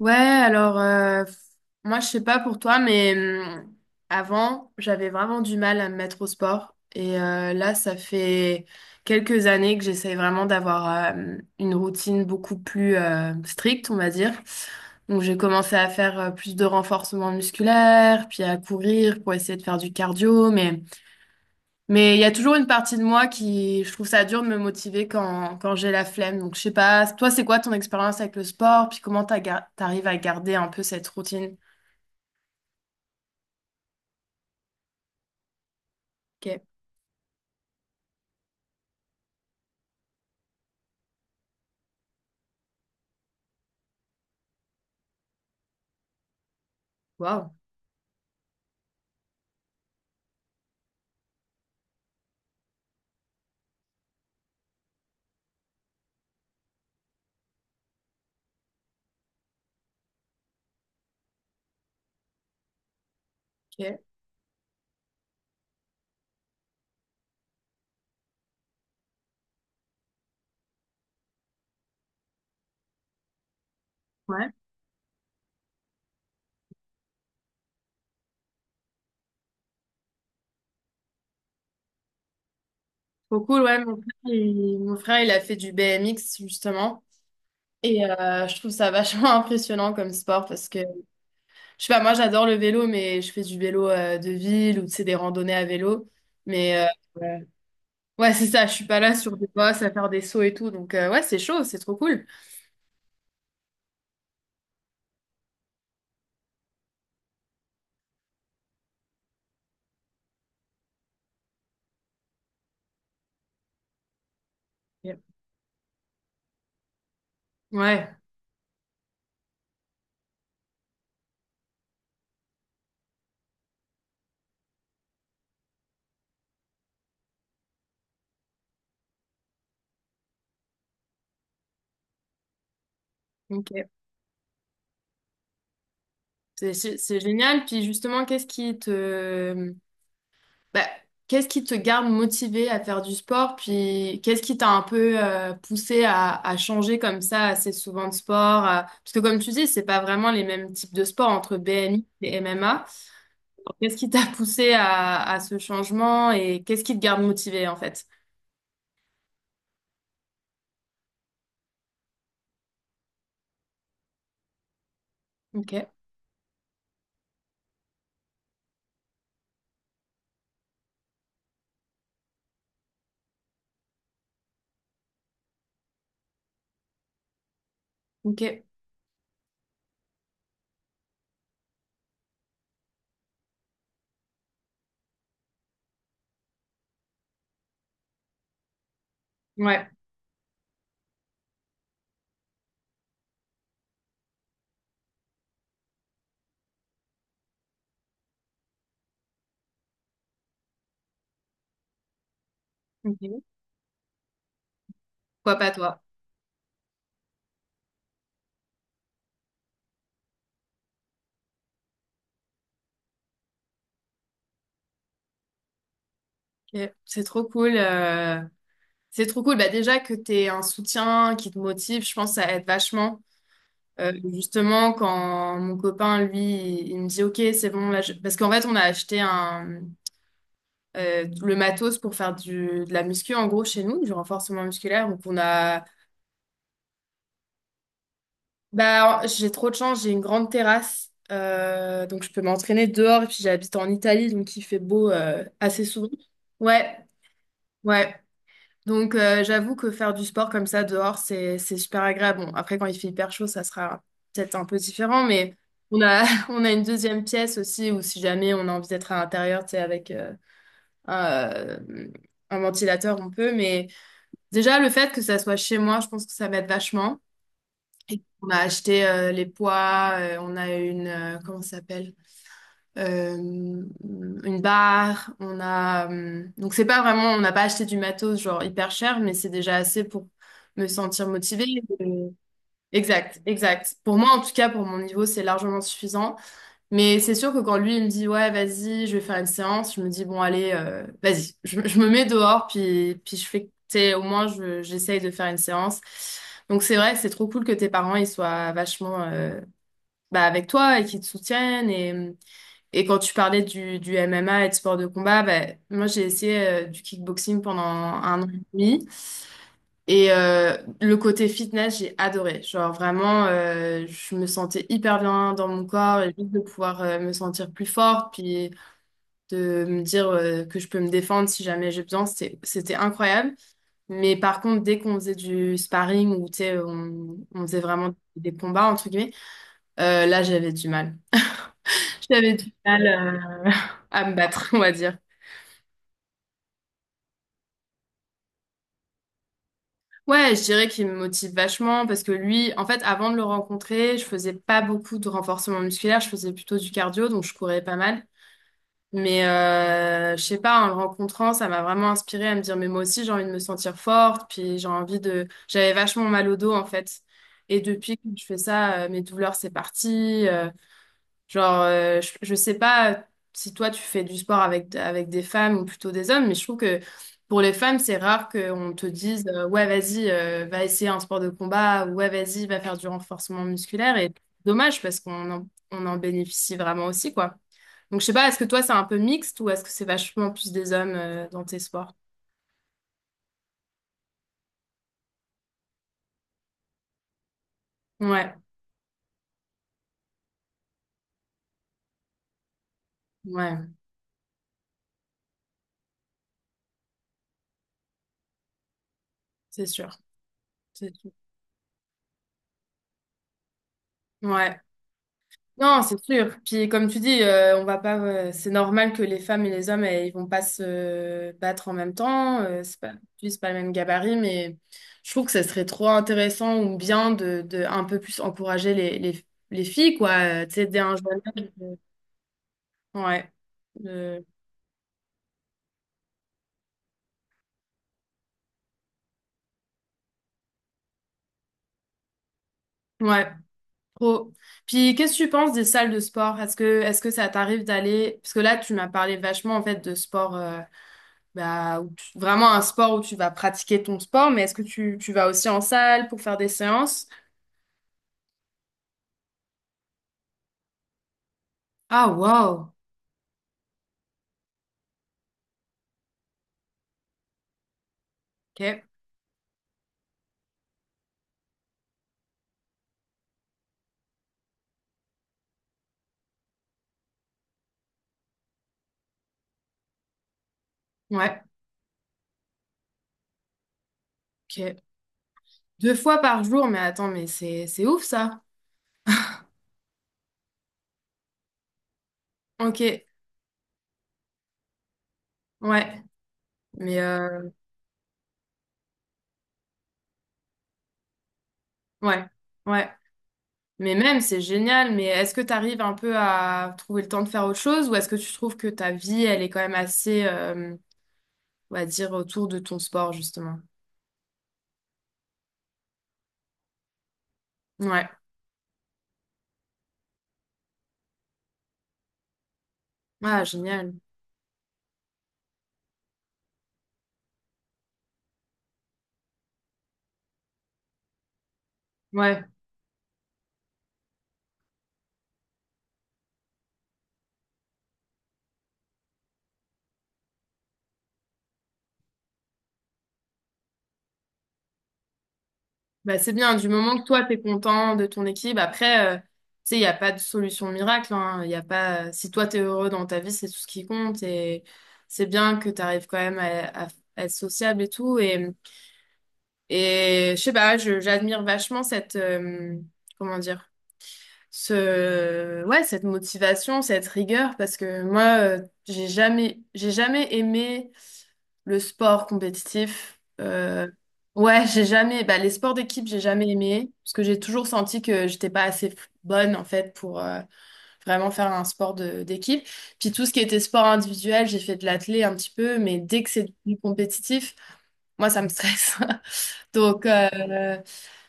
Ouais, alors moi je sais pas pour toi, mais avant j'avais vraiment du mal à me mettre au sport et là ça fait quelques années que j'essaye vraiment d'avoir une routine beaucoup plus stricte, on va dire. Donc j'ai commencé à faire plus de renforcement musculaire, puis à courir pour essayer de faire du cardio, mais il y a toujours une partie de moi qui, je trouve ça dur de me motiver quand j'ai la flemme. Donc, je sais pas, toi, c'est quoi ton expérience avec le sport? Puis comment t'arrives à garder un peu cette routine? Ok. Waouh. Ok. Ouais. Trop cool, ouais. Mon frère, il a fait du BMX, justement. Et je trouve ça vachement impressionnant comme sport parce que, je sais pas, moi, j'adore le vélo, mais je fais du vélo de ville ou, tu sais, des randonnées à vélo. Mais, ouais, ouais, c'est ça, je suis pas là sur des bosses à faire des sauts et tout. Donc, ouais, c'est chaud, c'est trop cool. Ouais, ok. C'est génial. Puis justement, bah, qu'est-ce qui te garde motivé à faire du sport? Puis qu'est-ce qui t'a un peu poussé à changer comme ça assez souvent de sport? Parce que comme tu dis, c'est pas vraiment les mêmes types de sports entre BMI et MMA. Qu'est-ce qui t'a poussé à ce changement et qu'est-ce qui te garde motivé en fait? Ok, ok, ouais, ok. Pourquoi pas toi? Ok, c'est trop cool. Bah déjà que tu un soutien qui te motive, je pense que ça aide vachement. Justement, quand mon copain, lui, il me dit, OK, c'est bon, là, parce qu'en fait, on a acheté le matos pour faire du, de la muscu, en gros, chez nous, du renforcement musculaire. Bah, j'ai trop de chance, j'ai une grande terrasse, donc je peux m'entraîner dehors. Et puis, j'habite en Italie, donc il fait beau, assez souvent. Ouais, ouais. Donc, j'avoue que faire du sport comme ça dehors, c'est super agréable. Bon, après, quand il fait hyper chaud, ça sera peut-être un peu différent, mais on a, on a une deuxième pièce aussi où si jamais on a envie d'être à l'intérieur, tu sais, avec un, euh, un ventilateur, on peut. Mais déjà, le fait que ça soit chez moi, je pense que ça m'aide vachement. Et on a acheté les poids, on a une, comment ça s'appelle? euh, une barre, on a donc c'est pas vraiment, on n'a pas acheté du matos genre hyper cher, mais c'est déjà assez pour me sentir motivée. Euh, Exact, exact. Pour moi, en tout cas, pour mon niveau, c'est largement suffisant. Mais c'est sûr que quand lui, il me dit, ouais, vas-y, je vais faire une séance, je me dis, bon, allez, vas-y, je me mets dehors, puis je fais, tu sais, au moins, j'essaye de faire une séance. Donc c'est vrai que c'est trop cool que tes parents, ils soient vachement avec toi et qu'ils te soutiennent. Et quand tu parlais du MMA et de sport de combat, ben, moi j'ai essayé du kickboxing pendant un an et demi. Et le côté fitness, j'ai adoré. Genre vraiment, je me sentais hyper bien dans mon corps et juste de pouvoir me sentir plus forte, puis de me dire que je peux me défendre si jamais j'ai besoin, c'était incroyable. Mais par contre, dès qu'on faisait du sparring ou tu sais, on faisait vraiment des combats, entre guillemets, là j'avais du mal. J'avais du mal à me battre, on va dire. Ouais, je dirais qu'il me motive vachement parce que lui, en fait, avant de le rencontrer, je faisais pas beaucoup de renforcement musculaire, je faisais plutôt du cardio, donc je courais pas mal. Mais je sais pas, en le rencontrant, ça m'a vraiment inspirée à me dire, mais moi aussi, j'ai envie de me sentir forte, puis j'ai envie de... J'avais vachement mal au dos, en fait. Et depuis que je fais ça, mes douleurs, c'est parti. Genre, je sais pas si toi tu fais du sport avec des femmes ou plutôt des hommes, mais je trouve que pour les femmes, c'est rare qu'on te dise ouais, vas-y, va essayer un sport de combat, ou ouais, vas-y, va faire du renforcement musculaire. Et dommage parce on en bénéficie vraiment aussi, quoi. Donc, je sais pas, est-ce que toi c'est un peu mixte ou est-ce que c'est vachement plus des hommes dans tes sports? Ouais, ouais, c'est sûr, c'est sûr. Ouais. Non, c'est sûr. Puis comme tu dis, on va pas. C'est normal que les femmes et les hommes, ils vont pas se battre en même temps. C'est pas, Puis c'est pas le même gabarit, mais je trouve que ça serait trop intéressant ou bien de, un peu plus encourager les filles, quoi. Tu sais, dès un jeune âge. Ouais. Euh, ouais. Trop. Puis qu'est-ce que tu penses des salles de sport? Est-ce que ça t'arrive d'aller? Parce que là, tu m'as parlé vachement en fait de sport. Où vraiment un sport où tu vas pratiquer ton sport, mais est-ce que tu vas aussi en salle pour faire des séances? Ah, wow! Ok. Ouais. Ok. Deux fois par jour, mais attends, c'est ouf ça. Ok. Ouais. Mais, ouais. Ouais. Mais même, c'est génial. Mais est-ce que tu arrives un peu à trouver le temps de faire autre chose ou est-ce que tu trouves que ta vie, elle est quand même assez, on va dire, autour de ton sport, justement? Ouais. Ah, génial. Ouais. Bah, c'est bien, du moment que toi, t'es content de ton équipe. Après, tu sais, il n'y a pas de solution miracle, hein. Y a pas... Si toi, t'es heureux dans ta vie, c'est tout ce qui compte. Et c'est bien que tu arrives quand même à être sociable et tout. Et je sais pas, j'admire vachement cette... comment dire? Ce... Ouais, cette motivation, cette rigueur. Parce que moi, j'ai jamais aimé le sport compétitif. Ouais, j'ai jamais. Bah, les sports d'équipe, j'ai jamais aimé parce que j'ai toujours senti que j'étais pas assez bonne en fait pour vraiment faire un d'équipe. Puis tout ce qui était sport individuel, j'ai fait de l'athlé un petit peu, mais dès que c'est du compétitif, moi ça me stresse. Donc, euh,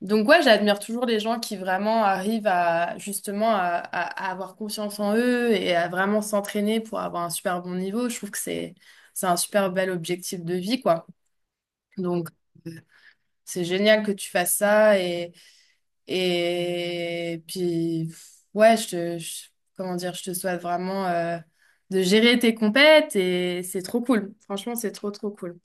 donc ouais, j'admire toujours les gens qui vraiment arrivent à justement à avoir confiance en eux et à vraiment s'entraîner pour avoir un super bon niveau. Je trouve que c'est un super bel objectif de vie, quoi. Donc, euh, c'est génial que tu fasses ça et puis, ouais, comment dire, je te souhaite vraiment de gérer tes compètes et c'est trop cool. Franchement, c'est trop, trop cool.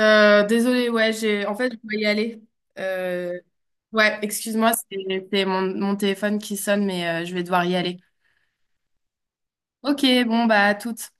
Désolée, ouais, en fait, je dois y aller. Euh, ouais, excuse-moi, c'est mon téléphone qui sonne, mais je vais devoir y aller. Ok, bon, bah, à toutes.